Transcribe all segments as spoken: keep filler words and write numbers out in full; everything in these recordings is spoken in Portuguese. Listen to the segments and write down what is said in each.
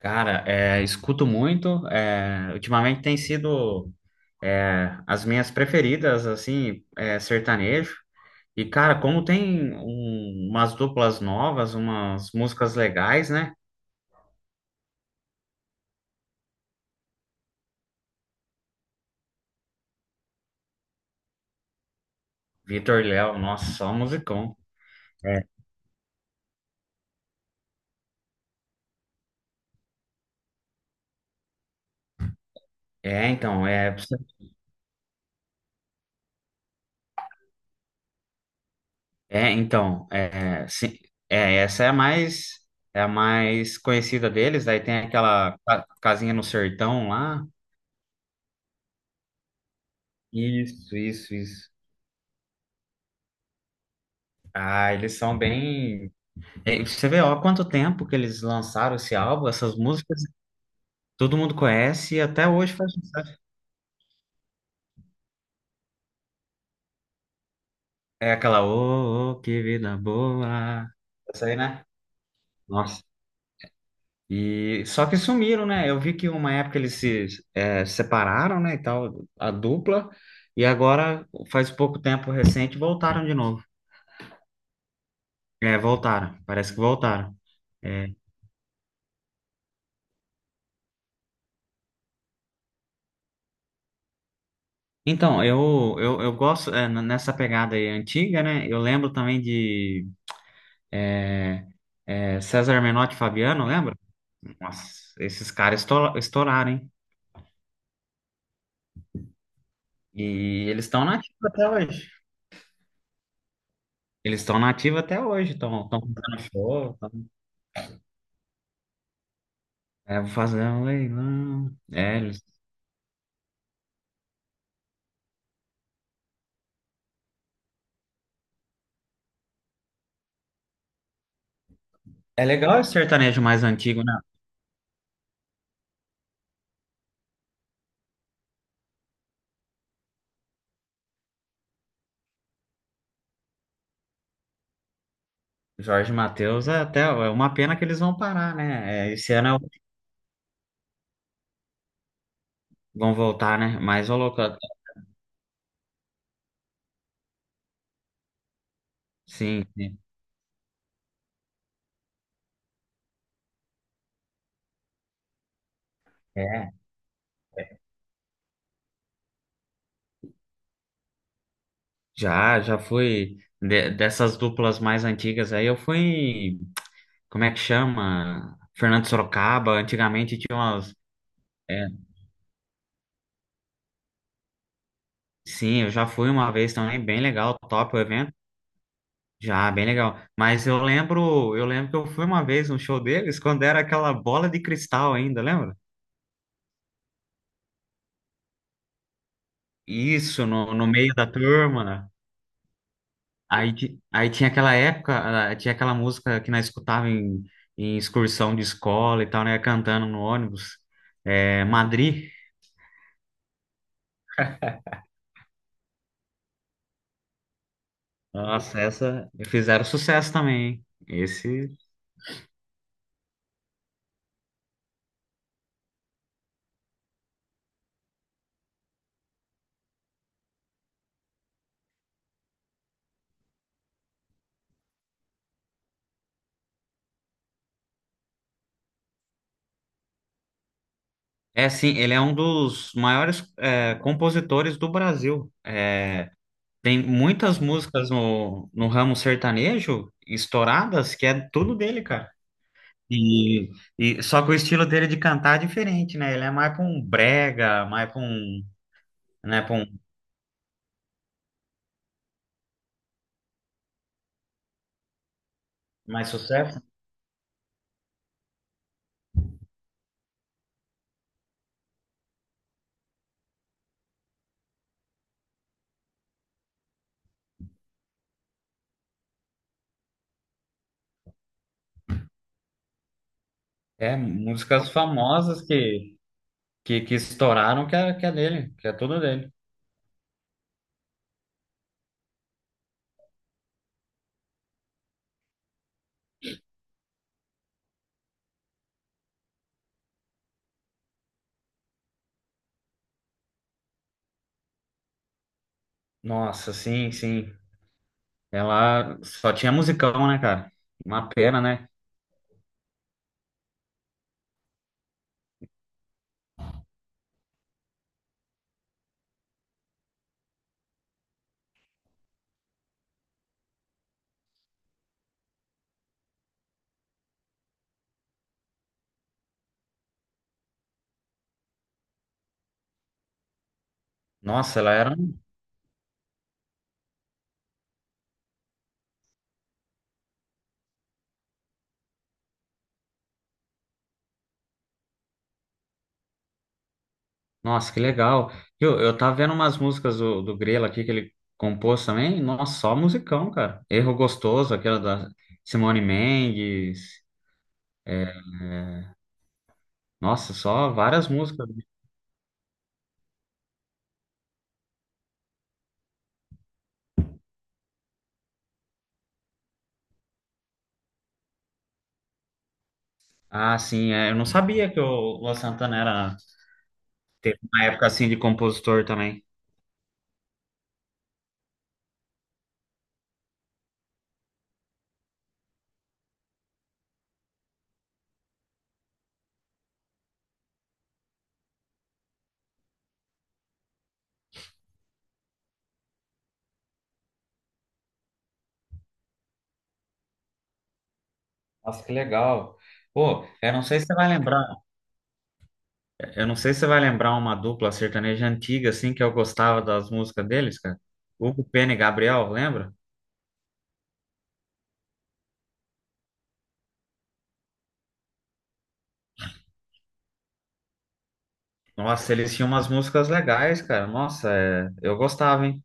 Cara, é, escuto muito. É, ultimamente tem sido é, as minhas preferidas, assim, é, sertanejo. E, cara, como tem um- umas duplas novas, umas músicas legais, né? Vitor e Léo, nossa, só musicão. É, é, então, é, é, então, é, sim, é, essa é a mais, é a mais conhecida deles. Daí tem aquela ca- casinha no sertão lá. Isso, isso, isso. Ah, eles são bem. É, e você vê, ó, há quanto tempo que eles lançaram esse álbum, essas músicas, todo mundo conhece e até hoje faz sucesso. É aquela, ô, ô, que vida boa. Essa aí, né? Nossa. E só que sumiram, né? Eu vi que uma época eles se é, separaram, né, e tal, a dupla, e agora, faz pouco tempo recente, voltaram de novo. É, voltaram, parece que voltaram. É. Então, eu, eu, eu gosto é, n- nessa pegada aí antiga, né? Eu lembro também de é, César Menotti e Fabiano, lembra? Nossa, esses caras estoura- estouraram, hein? E eles estão na ativa até hoje. Eles estão na ativa até hoje, estão estão fazendo show, tão, é, vou fazer um leilão. É, eles- é legal esse sertanejo mais antigo, né? Jorge Mateus é até é uma pena que eles vão parar, né? É, esse ano é o- vão voltar, né? Mas ô louco, sim, sim. É, já, já fui de- dessas duplas mais antigas aí, eu fui, em- como é que chama? Fernando Sorocaba, antigamente tinha umas é, sim, eu já fui uma vez também, bem legal, top o evento. Já, bem legal. Mas eu lembro, eu lembro que eu fui uma vez no show deles quando era aquela bola de cristal ainda, lembra? Isso, no, no meio da turma. Aí, ti- aí tinha aquela época, ah, tinha aquela música que nós escutava em, em excursão de escola e tal, né? Cantando no ônibus. É, Madrid. Nossa, essa fizeram sucesso também, hein? Esse. É sim, ele é um dos maiores eh, compositores do Brasil. É, tem muitas músicas no, no ramo sertanejo estouradas que é tudo dele, cara. E, e só que o estilo dele de cantar é diferente, né? Ele é mais pra um brega, mais pra um, né, pra um mais sucesso. É, músicas famosas que, que, que estouraram que é, que é dele, que é tudo dele. Nossa, sim, sim. Ela só tinha musicão, né, cara? Uma pena, né? Nossa, ela era. Um, nossa, que legal. Viu, eu tava vendo umas músicas do, do Grelo aqui que ele compôs também. Nossa, só musicão, cara. Erro Gostoso, aquela da Simone Mendes. É, nossa, só várias músicas. Ah, sim, é, eu não sabia que o Luan Santana era, teve uma época assim de compositor também. Nossa, que legal. Pô, eu não sei se você vai lembrar, eu não sei se você vai lembrar uma dupla sertaneja antiga assim que eu gostava das músicas deles, cara. Hugo Pena e Gabriel, lembra? Nossa, eles tinham umas músicas legais, cara. Nossa, é, eu gostava, hein?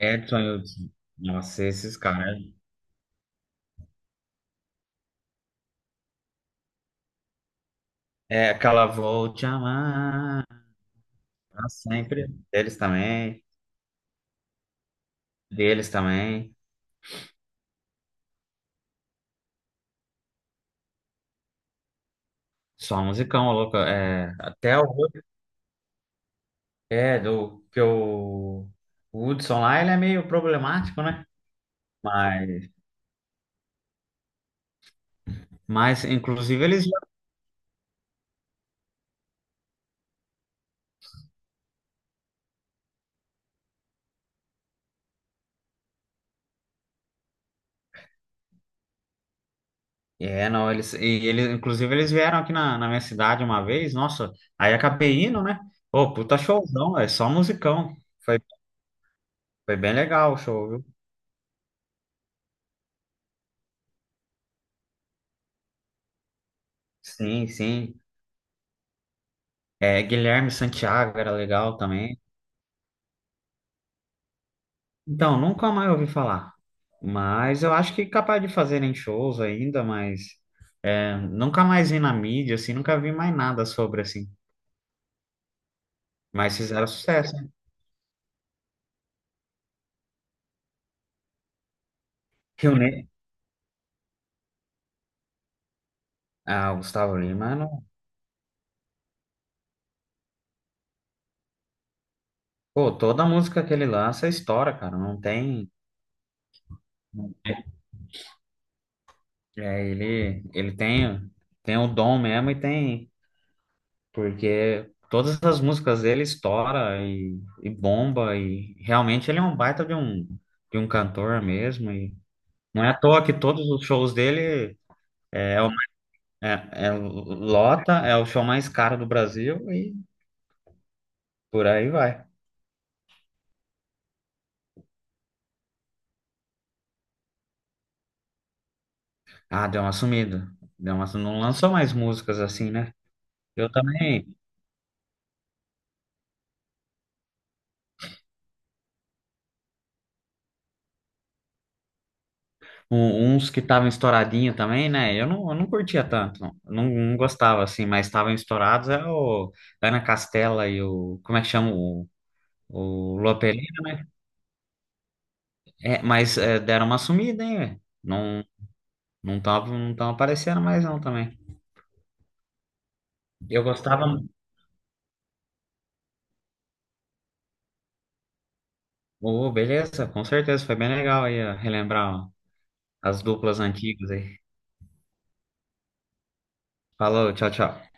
Edson, eu... nossa, esses caras. É aquela Vou Te Amar pra sempre. Deles também. Deles também. Só musicão, louco. É, até o. É, do que o o Hudson lá, ele é meio problemático, né? Mas, mas inclusive, eles é, não, eles, e ele, inclusive eles vieram aqui na, na minha cidade uma vez, nossa, aí acabei indo, né? Pô, puta showzão, é só musicão. Foi, foi bem legal o show, viu? Sim, sim. É, Guilherme Santiago era legal também. Então, nunca mais ouvi falar. Mas eu acho que capaz de fazerem shows ainda, mas é, nunca mais vi na mídia, assim, nunca vi mais nada sobre, assim. Mas fizeram sucesso. Né? Rio Ne- ah, o Gustavo Lima, não... pô, toda música que ele lança é estoura, cara, não tem. É, ele, ele tem, tem o dom mesmo e tem, porque todas as músicas dele estoura e, e bomba e realmente ele é um baita de um, de um cantor mesmo e não é à toa que todos os shows dele é, é o- é, é o- lota, é o show mais caro do Brasil e por aí vai. Ah, deu uma sumida, deu uma, su- não lançou mais músicas assim, né? Eu também um- uns que estavam estouradinho também, né? Eu não, eu não curtia tanto, não, não, não gostava assim, mas estavam estourados. É o Ana Castela e o. Como é que chama? O, o Lopelino, né? É, mas é, deram uma sumida, hein, velho? Não não estavam não tavam aparecendo mais, não também. Eu gostava. Ô, beleza, com certeza, foi bem legal aí ó, relembrar ó, as duplas antigas aí. Falou, tchau, tchau.